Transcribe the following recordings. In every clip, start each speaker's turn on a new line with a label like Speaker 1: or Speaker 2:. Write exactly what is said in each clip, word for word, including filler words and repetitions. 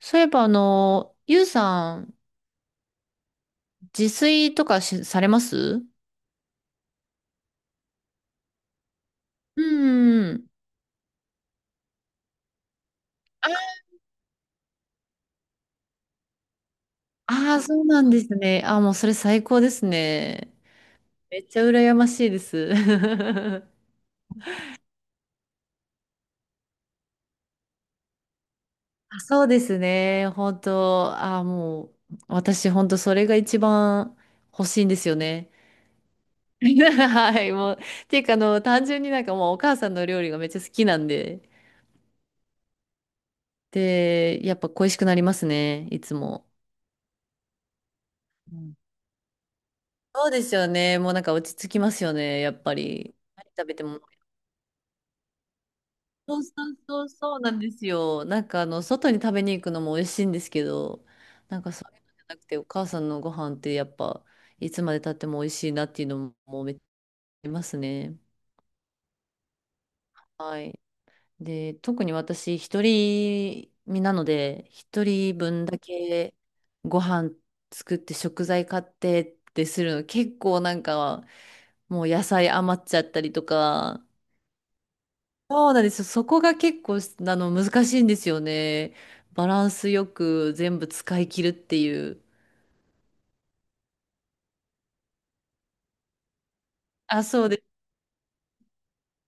Speaker 1: そういえば、あの、ゆうさん、自炊とかし、されます？うんうん。ああ、そうなんですね。ああ、もうそれ最高ですね。めっちゃ羨ましいです。あ、そうですね。本当、ああ、もう、私、本当、それが一番欲しいんですよね。はい、もう、ていうか、あの、単純になんかもう、お母さんの料理がめっちゃ好きなんで、で、やっぱ恋しくなりますね、いつも。うん。そうですよね。もうなんか落ち着きますよね。やっぱり。何食べても。そうそうそうそうなんですよ。なんかあの、外に食べに行くのも美味しいんですけど、なんかそういうのじゃなくて、お母さんのご飯ってやっぱ、いつまで経っても美味しいなっていうのもめっちゃありますね。はい。で、特に私、一人身なので、一人分だけご飯作って食材買ってってするの、結構なんか、もう野菜余っちゃったりとか、そうなんですよ。そこが結構、あの、難しいんですよね。バランスよく全部使い切るっていう。あ、そうです。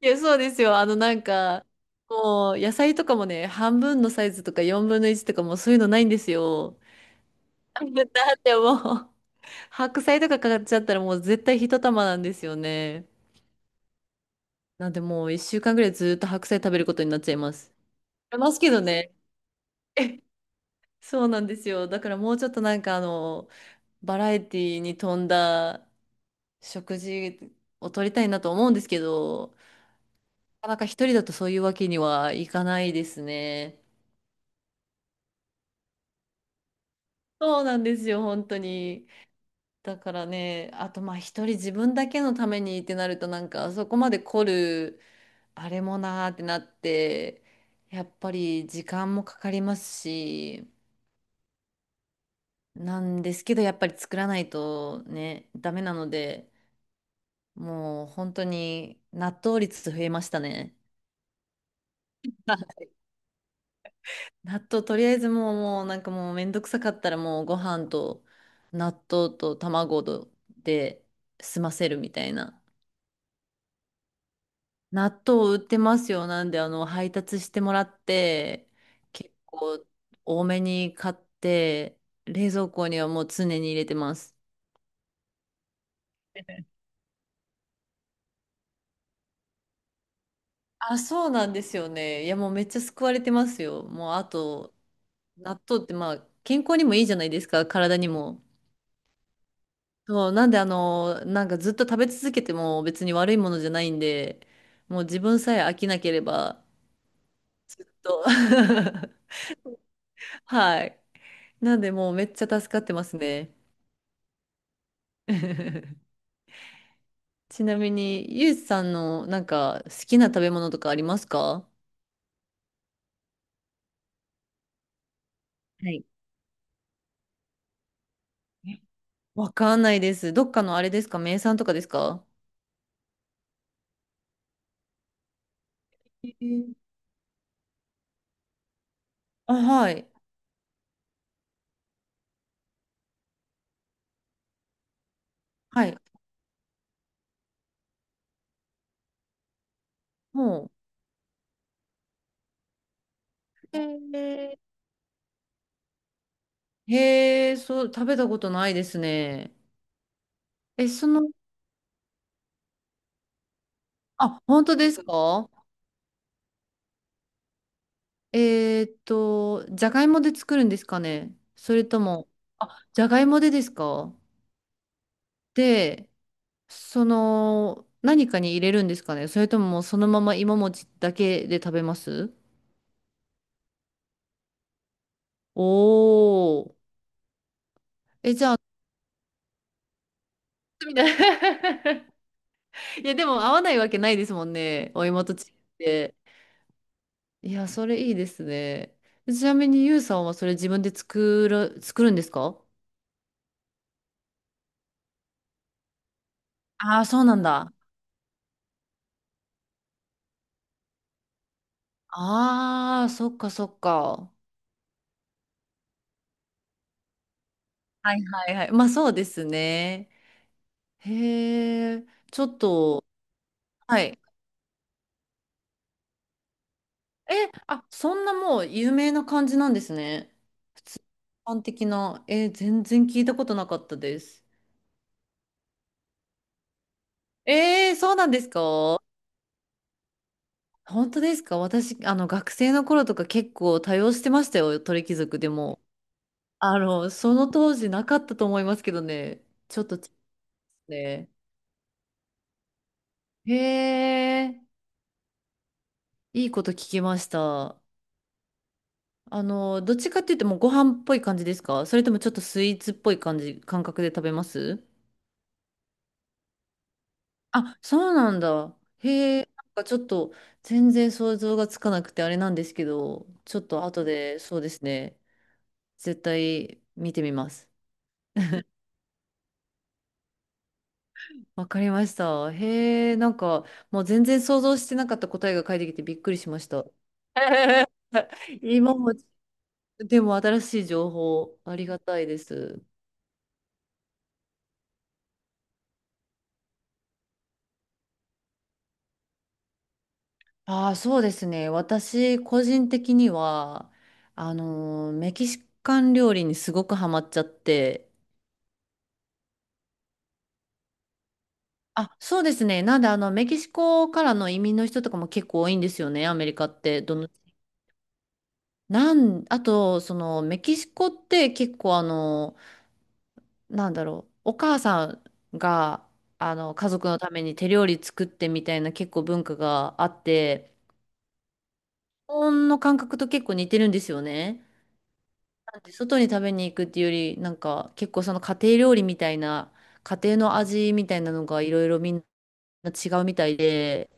Speaker 1: いや、そうですよ。あの、なんか、もう、野菜とかもね、半分のサイズとかよんのいちとかもうそういうのないんですよ。だってもう、白菜とか買っちゃったらもう絶対一玉なんですよね。なんでもう一週間ぐらいずっと白菜食べることになっちゃいます。いますけどね。そうなんですよ。だからもうちょっとなんかあの、バラエティに富んだ食事を取りたいなと思うんですけど、なかなか一人だとそういうわけにはいかないですね。そうなんですよ、本当に。だからね、あとまあ一人自分だけのためにってなるとなんかそこまで凝るあれもなーってなって、やっぱり時間もかかりますし、なんですけどやっぱり作らないとね、ダメなので、もう本当に納豆率増えましたね。納豆とりあえずもう、もうなんかもうめんどくさかったらもうご飯と納豆と卵で済ませるみたいな。納豆売ってますよ。なんであの配達してもらって、結構多めに買って、冷蔵庫にはもう常に入れてます。あ、そうなんですよね。いやもうめっちゃ救われてますよ。もうあと、納豆ってまあ健康にもいいじゃないですか。体にも。そう、なんであの、なんかずっと食べ続けても別に悪いものじゃないんで、もう自分さえ飽きなければ、と。はい。なんでもうめっちゃ助かってますね。ちなみに、ゆうじさんのなんか好きな食べ物とかありますか？はい。わかんないです。どっかのあれですか？名産とかですか？えー、あ、はい。はい。も、えーう。へー。へえ、そう、食べたことないですね。え、その、あ、本当ですか？えーっと、じゃがいもで作るんですかね？それとも、あ、じゃがいもでですか？で、その、何かに入れるんですかね？それとももうそのまま芋餅だけで食べます？おー。え、じゃあ、みたいな いや、でも合わないわけないですもんね。お芋と違って。いや、それいいですね。ちなみに、ゆうさんはそれ自分で作る、作るんですか？ああー、そうなんだ。ああ、そっかそっか。はいはいはい。まあそうですね。へえ、ちょっと、はい。え、あ、そんなもう有名な感じなんですね。普通般的な。え、全然聞いたことなかったです。えー、そうなんですか？本当ですか？私、あの、学生の頃とか結構多用してましたよ、鳥貴族でも。あの、その当時なかったと思いますけどね。ちょっと、ね。へえ、いいこと聞きました。あの、どっちかって言ってもご飯っぽい感じですか？それともちょっとスイーツっぽい感じ、感覚で食べます？あ、そうなんだ。へえ、なんかちょっと全然想像がつかなくてあれなんですけど、ちょっと後でそうですね、絶対見てみます。わかりました。へえ、なんかもう全然想像してなかった答えが返ってきてびっくりしました。今も、でも新しい情報ありがたいです。ああ、そうですね。私、個人的には、あのー、メキシカン料理にすごくハマっちゃって。あ、そうですね。なんで、あの、メキシコからの移民の人とかも結構多いんですよね、アメリカって。どの、なん、あと、その、メキシコって結構、あの、なんだろう、お母さんが、あの、家族のために手料理作ってみたいな結構文化があって、日本の感覚と結構似てるんですよね。なんで外に食べに行くっていうより、なんか結構その家庭料理みたいな、家庭の味みたいなのがいろいろみんな違うみたいで、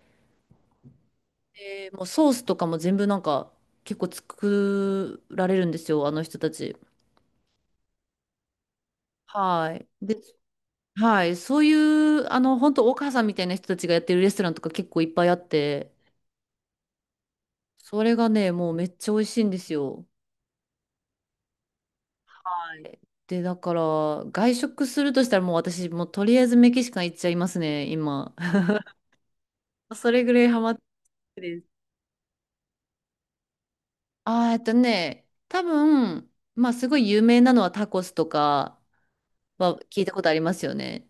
Speaker 1: で、もうソースとかも全部なんか結構作られるんですよ、あの人たち。はい。で、はい。そういう、あの、本当お母さんみたいな人たちがやってるレストランとか結構いっぱいあって、それがね、もうめっちゃ美味しいんですよ。はい。で、だから、外食するとしたらもう私、もうとりあえずメキシカン行っちゃいますね、今。それぐらいハマっです。あー、えっとね、多分、まあすごい有名なのはタコスとかは聞いたことありますよね。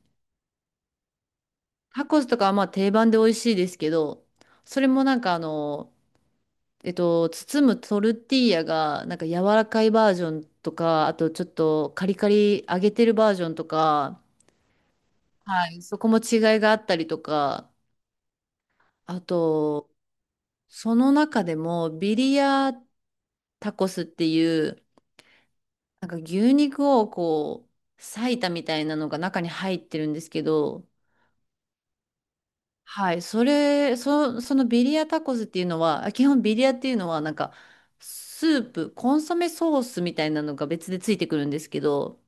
Speaker 1: タコスとかはまあ定番で美味しいですけど、それもなんかあの、えっと、包むトルティーヤがなんか柔らかいバージョンとか、あとちょっとカリカリ揚げてるバージョンとか、はい、そこも違いがあったりとか、あと、その中でもビリヤタコスっていう、なんか牛肉をこう、裂いたみたいなのが中に入ってるんですけど、はい、それ、そ、そのビリヤタコスっていうのは、あ基本ビリヤっていうのは、なんか、スープ、コンソメソースみたいなのが別でついてくるんですけど、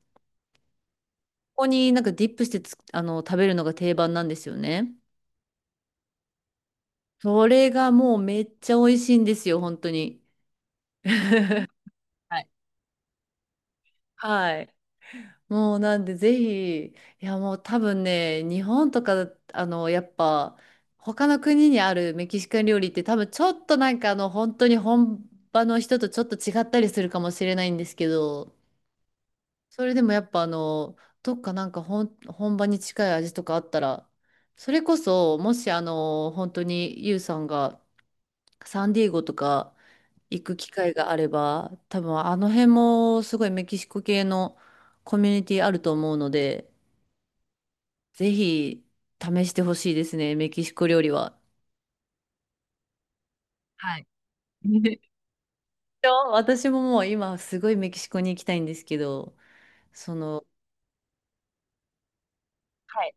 Speaker 1: ここになんかディップしてつ、あの、食べるのが定番なんですよね。それがもうめっちゃ美味しいんですよ、本当に。はい。はい。もうなんでぜひ、いやもう多分ね、日本とか、あの、やっぱ、他の国にあるメキシカン料理って多分ちょっとなんかあの、本当に本場の人とちょっと違ったりするかもしれないんですけど、それでもやっぱあの、どっかなんか本、本場に近い味とかあったら、それこそ、もしあの、本当にユウさんがサンディエゴとか行く機会があれば、多分あの辺もすごいメキシコ系のコミュニティあると思うので、ぜひ試してほしいですね、メキシコ料理は。はい。そう私ももう今すごいメキシコに行きたいんですけど、その、はい。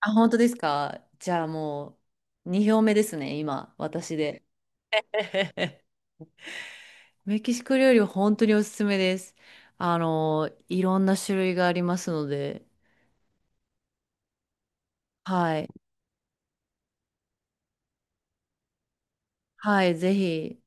Speaker 1: あ、本当ですか？じゃあもうに票目ですね、今、私で。メキシコ料理は本当におすすめです。あの、いろんな種類がありますので、はい。はい、ぜひ。